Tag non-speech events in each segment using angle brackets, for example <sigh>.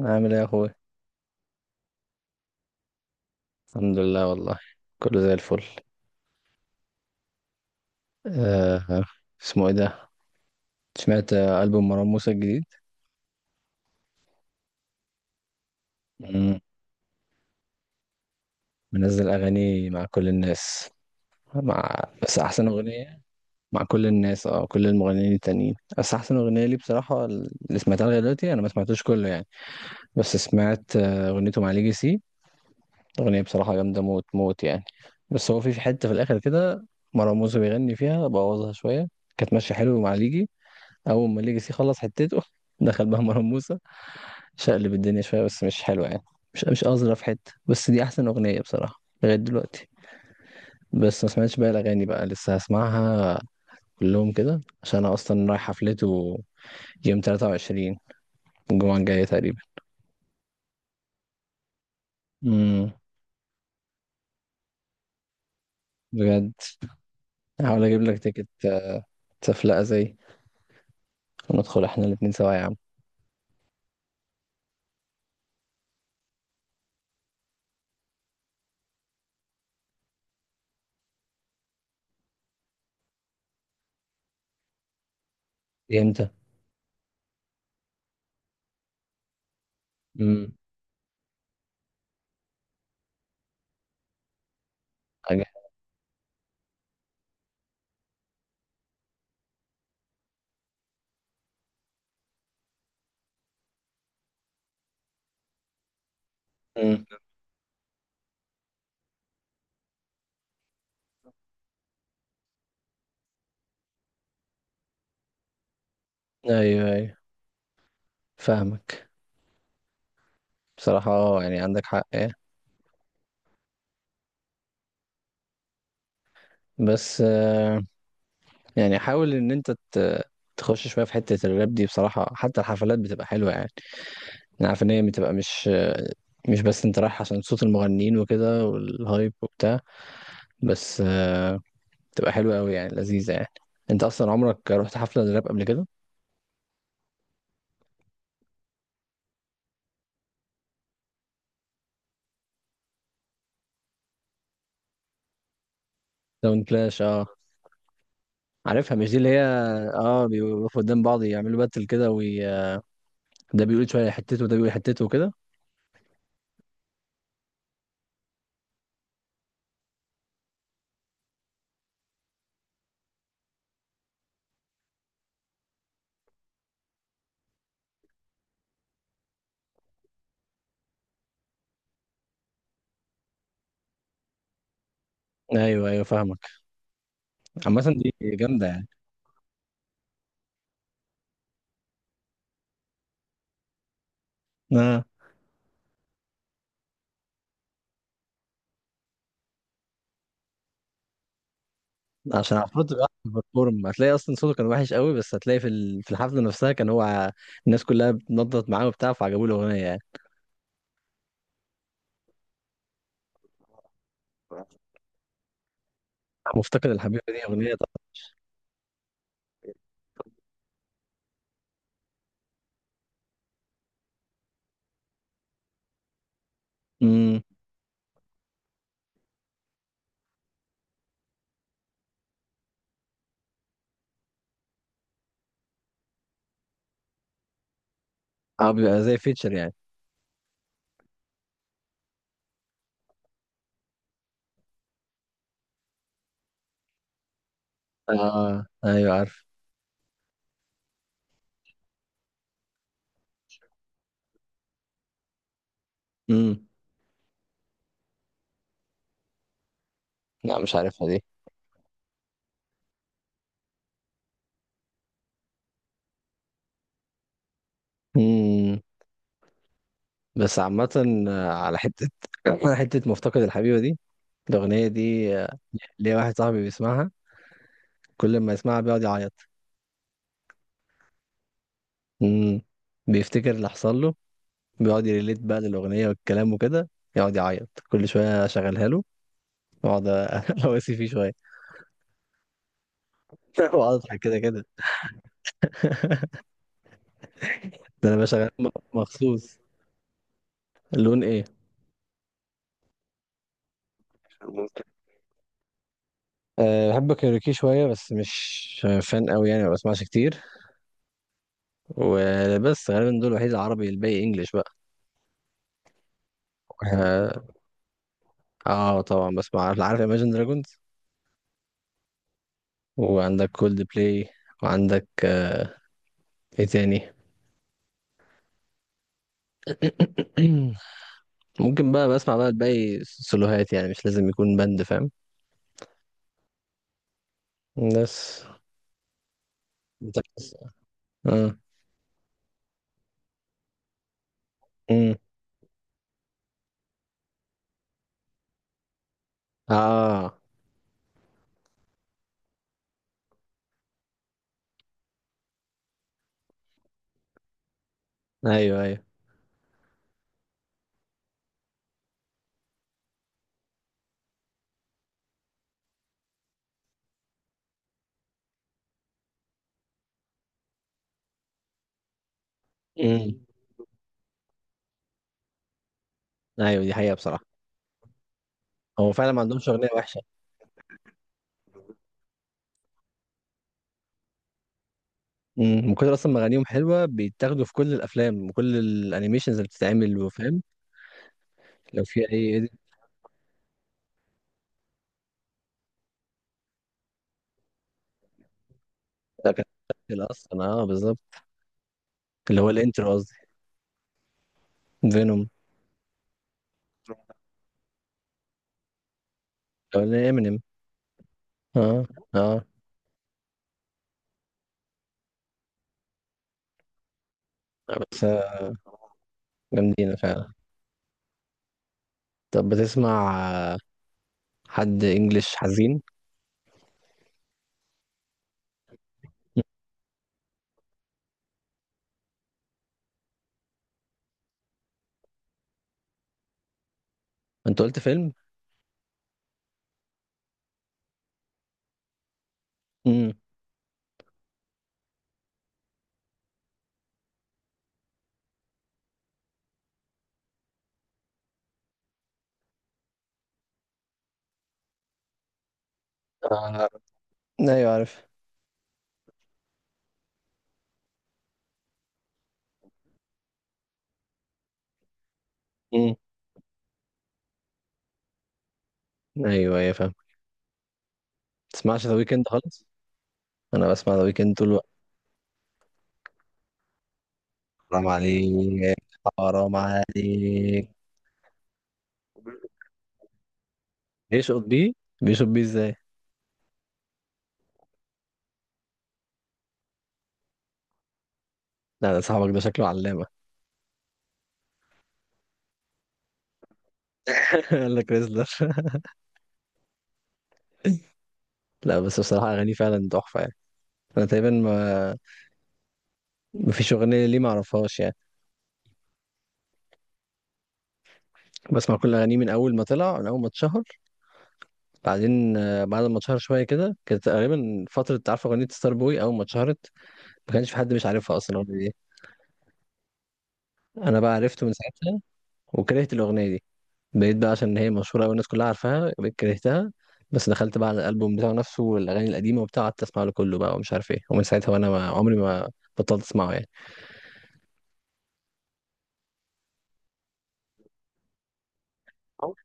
عامل ايه يا اخوي؟ الحمد لله والله. كله زي الفل. آه اسمه ايه ده؟ سمعت ألبوم مروان موسى الجديد. مم. منزل اغاني مع كل الناس. مع بس احسن اغنيه مع كل الناس، اه كل المغنيين التانيين، بس احسن اغنيه لي بصراحه اللي سمعتها لغايه دلوقتي، انا ما سمعتوش كله يعني. بس سمعت اغنيته مع ليجاسي. اغنيه بصراحه جامده موت موت يعني. بس هو في حته في الاخر كده. مروان موسى بيغني فيها بوظها شويه. كانت ماشيه حلو مع ليجي. اول ما ليجاسي خلص حتته، دخل بقى مروان موسى شقلب الدنيا شويه بس مش حلوه يعني. مش اظرف حته، بس دي احسن اغنيه بصراحه لغايه دلوقتي. بس ما سمعتش بقى الاغاني بقى، لسه هسمعها كلهم كده عشان انا اصلا رايح حفلته يوم 23، الجمعه الجايه تقريبا. امم. بجد، هحاول اجيب لك تيكت. تفلقه زي، وندخل احنا الاتنين سوا يا عم. امتى؟ امم. حاجه. امم. ايوه، ايوه فاهمك. بصراحه اه يعني عندك حق آه. بس يعني حاول ان انت تخش شويه في حته الراب دي بصراحه، حتى الحفلات بتبقى حلوه يعني. انا عارف ان هي بتبقى مش بس انت رايح عشان صوت المغنيين وكده والهايب وبتاع. بس بتبقى حلوه قوي يعني، لذيذه يعني. انت اصلا عمرك رحت حفله راب قبل كده؟ داون كلاش، اه عارفها، مش دي اللي هي اه بيقفوا قدام بعض يعملوا باتل كده، وده بيقول شويه حتته وده بيقول حتته وكده. ايوه، ايوه فاهمك. عامه دي جامده يعني. آه. عشان المفروض تبقى أحسن بيرفورم، هتلاقي اصلا صوته كان وحش قوي، بس هتلاقي في في الحفله نفسها كان هو. الناس كلها بتنضت معاه وبتاع، فعجبوه الاغنيه يعني. مفتقد الحبيبه دي اغنيه طبعا. امم. اه بيبقى زي فيتشر يعني. اه ايوه عارف. امم. لا مش عارفها دي. امم. بس عامه على حته <coughs> <clears throat> على حته مفتقد الحبيبه دي، الاغنيه دي. ليا واحد صاحبي بيسمعها كل ما يسمعها بيقعد يعيط. امم. بيفتكر اللي حصل له، بيقعد يريليت بقى للأغنية والكلام وكده، يقعد يعيط كل شوية، أشغلها له وأقعد <laughs> أواسي فيه شوية. <laughs> وأقعد أضحك كده كده. ده أنا بشغل مخصوص. لون إيه؟ ممكن. أه بحب كايروكي شوية بس مش فان قوي يعني، ما بسمعش كتير. وبس غالبا دول الوحيد العربي، الباقي انجلش بقى. اه طبعا بسمع، عارف عارف Imagine Dragons. وعندك كولد بلاي، وعندك ايه تاني؟ <clears throat> ممكن بقى بسمع بقى الباقي سولوهات، يعني مش لازم يكون بند فاهم. بس انت بس. امم. امم. اه، ايوه ايوه. امم. ايوه دي حقيقة بصراحة. هو فعلا ما عندهمش أغنية وحشة. امم. من كتر اصلا ما اغانيهم حلوة بيتاخدوا في كل الافلام وكل الانيميشنز اللي بتتعمل وفاهم. لو في اي edit، ده كان متسجل اصلا، اه بالظبط. اللي هو الانترو قصدي. فينوم. او امينيم. اه. اه. بس جامدين فعلا. طب بتسمع آه، حد انجلش حزين؟ انت قلت فيلم؟ امم. آه. ايوه عارف. ايوه ايوه فاهم. تسمعش ذا ويكند خالص؟ انا بسمع ذا ويكند طول الوقت. حرام عليك، حرام عليك. بيشقط بيه، بيشقط بيه ازاي؟ لا ده صاحبك ده شكله علامة. <laughs> قال لك ريزلر. <laughs> لا بس بصراحة أغانيه فعلا تحفة يعني. أنا تقريبا ما، مفيش أغنية ليه معرفهاش يعني. بسمع كل أغانيه من أول ما طلع، من أول ما اتشهر. بعدين بعد ما اتشهر شوية كده، كانت تقريبا فترة عارفة أغنية ستار بوي أول ما اتشهرت، ما كانش في حد مش عارفها أصلا الأغنية دي. أنا بقى عرفته من ساعتها وكرهت الأغنية دي. بقيت بقى عشان هي مشهورة أوي، الناس كلها عارفاها، بقيت كرهتها. بس دخلت بقى على الألبوم بتاعه نفسه والأغاني القديمة وبتاع، قعدت أسمع له كله بقى، ومش عارف إيه، ومن ساعتها وأنا ما عمري ما بطلت أسمعه يعني. أو-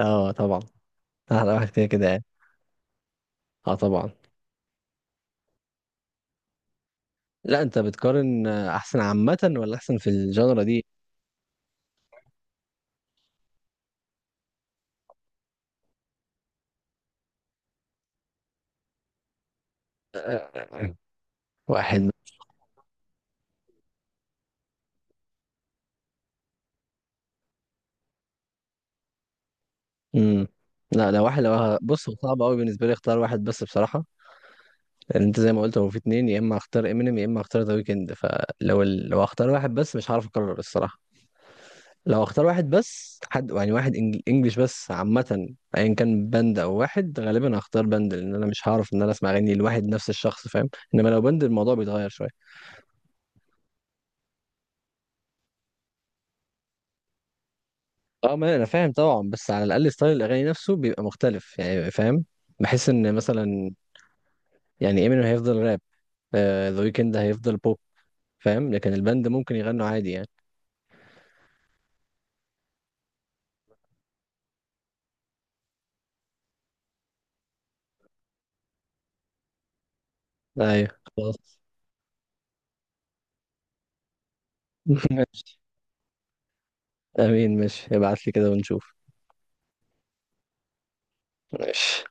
أه طبعا. أحلى واحد كده كده يعني. أه طبعا. لا أنت بتقارن أحسن عامة ولا أحسن في الجانرا دي؟ <clears throat> آه، واحد. امم. لا لا، واحد لو بص، هو صعب قوي بالنسبه لي اختار واحد بس بصراحه. لان انت زي ما قلت هو في اتنين، يا اما اختار امينيم يا اما اختار ذا ويكند، لو اختار واحد بس مش هعرف اقرر الصراحه. لو اختار واحد بس، حد يعني واحد انجليش بس عامة، ايا كان باند او واحد، غالبا هختار باند لان انا مش هعرف ان انا اسمع اغاني لواحد نفس الشخص فاهم. انما لو باند الموضوع بيتغير شوية. اه ما انا فاهم طبعا، بس على الاقل ستايل الاغاني نفسه بيبقى مختلف يعني فاهم. بحس ان مثلا، يعني امينيم هيفضل راب، ذا ويكند هيفضل بوب، فاهم. لكن الباند ممكن يغنوا عادي يعني. ايوه. خلاص. <laughs> ماشي. امين، ماشي، ابعت لي كده ونشوف. ماشي.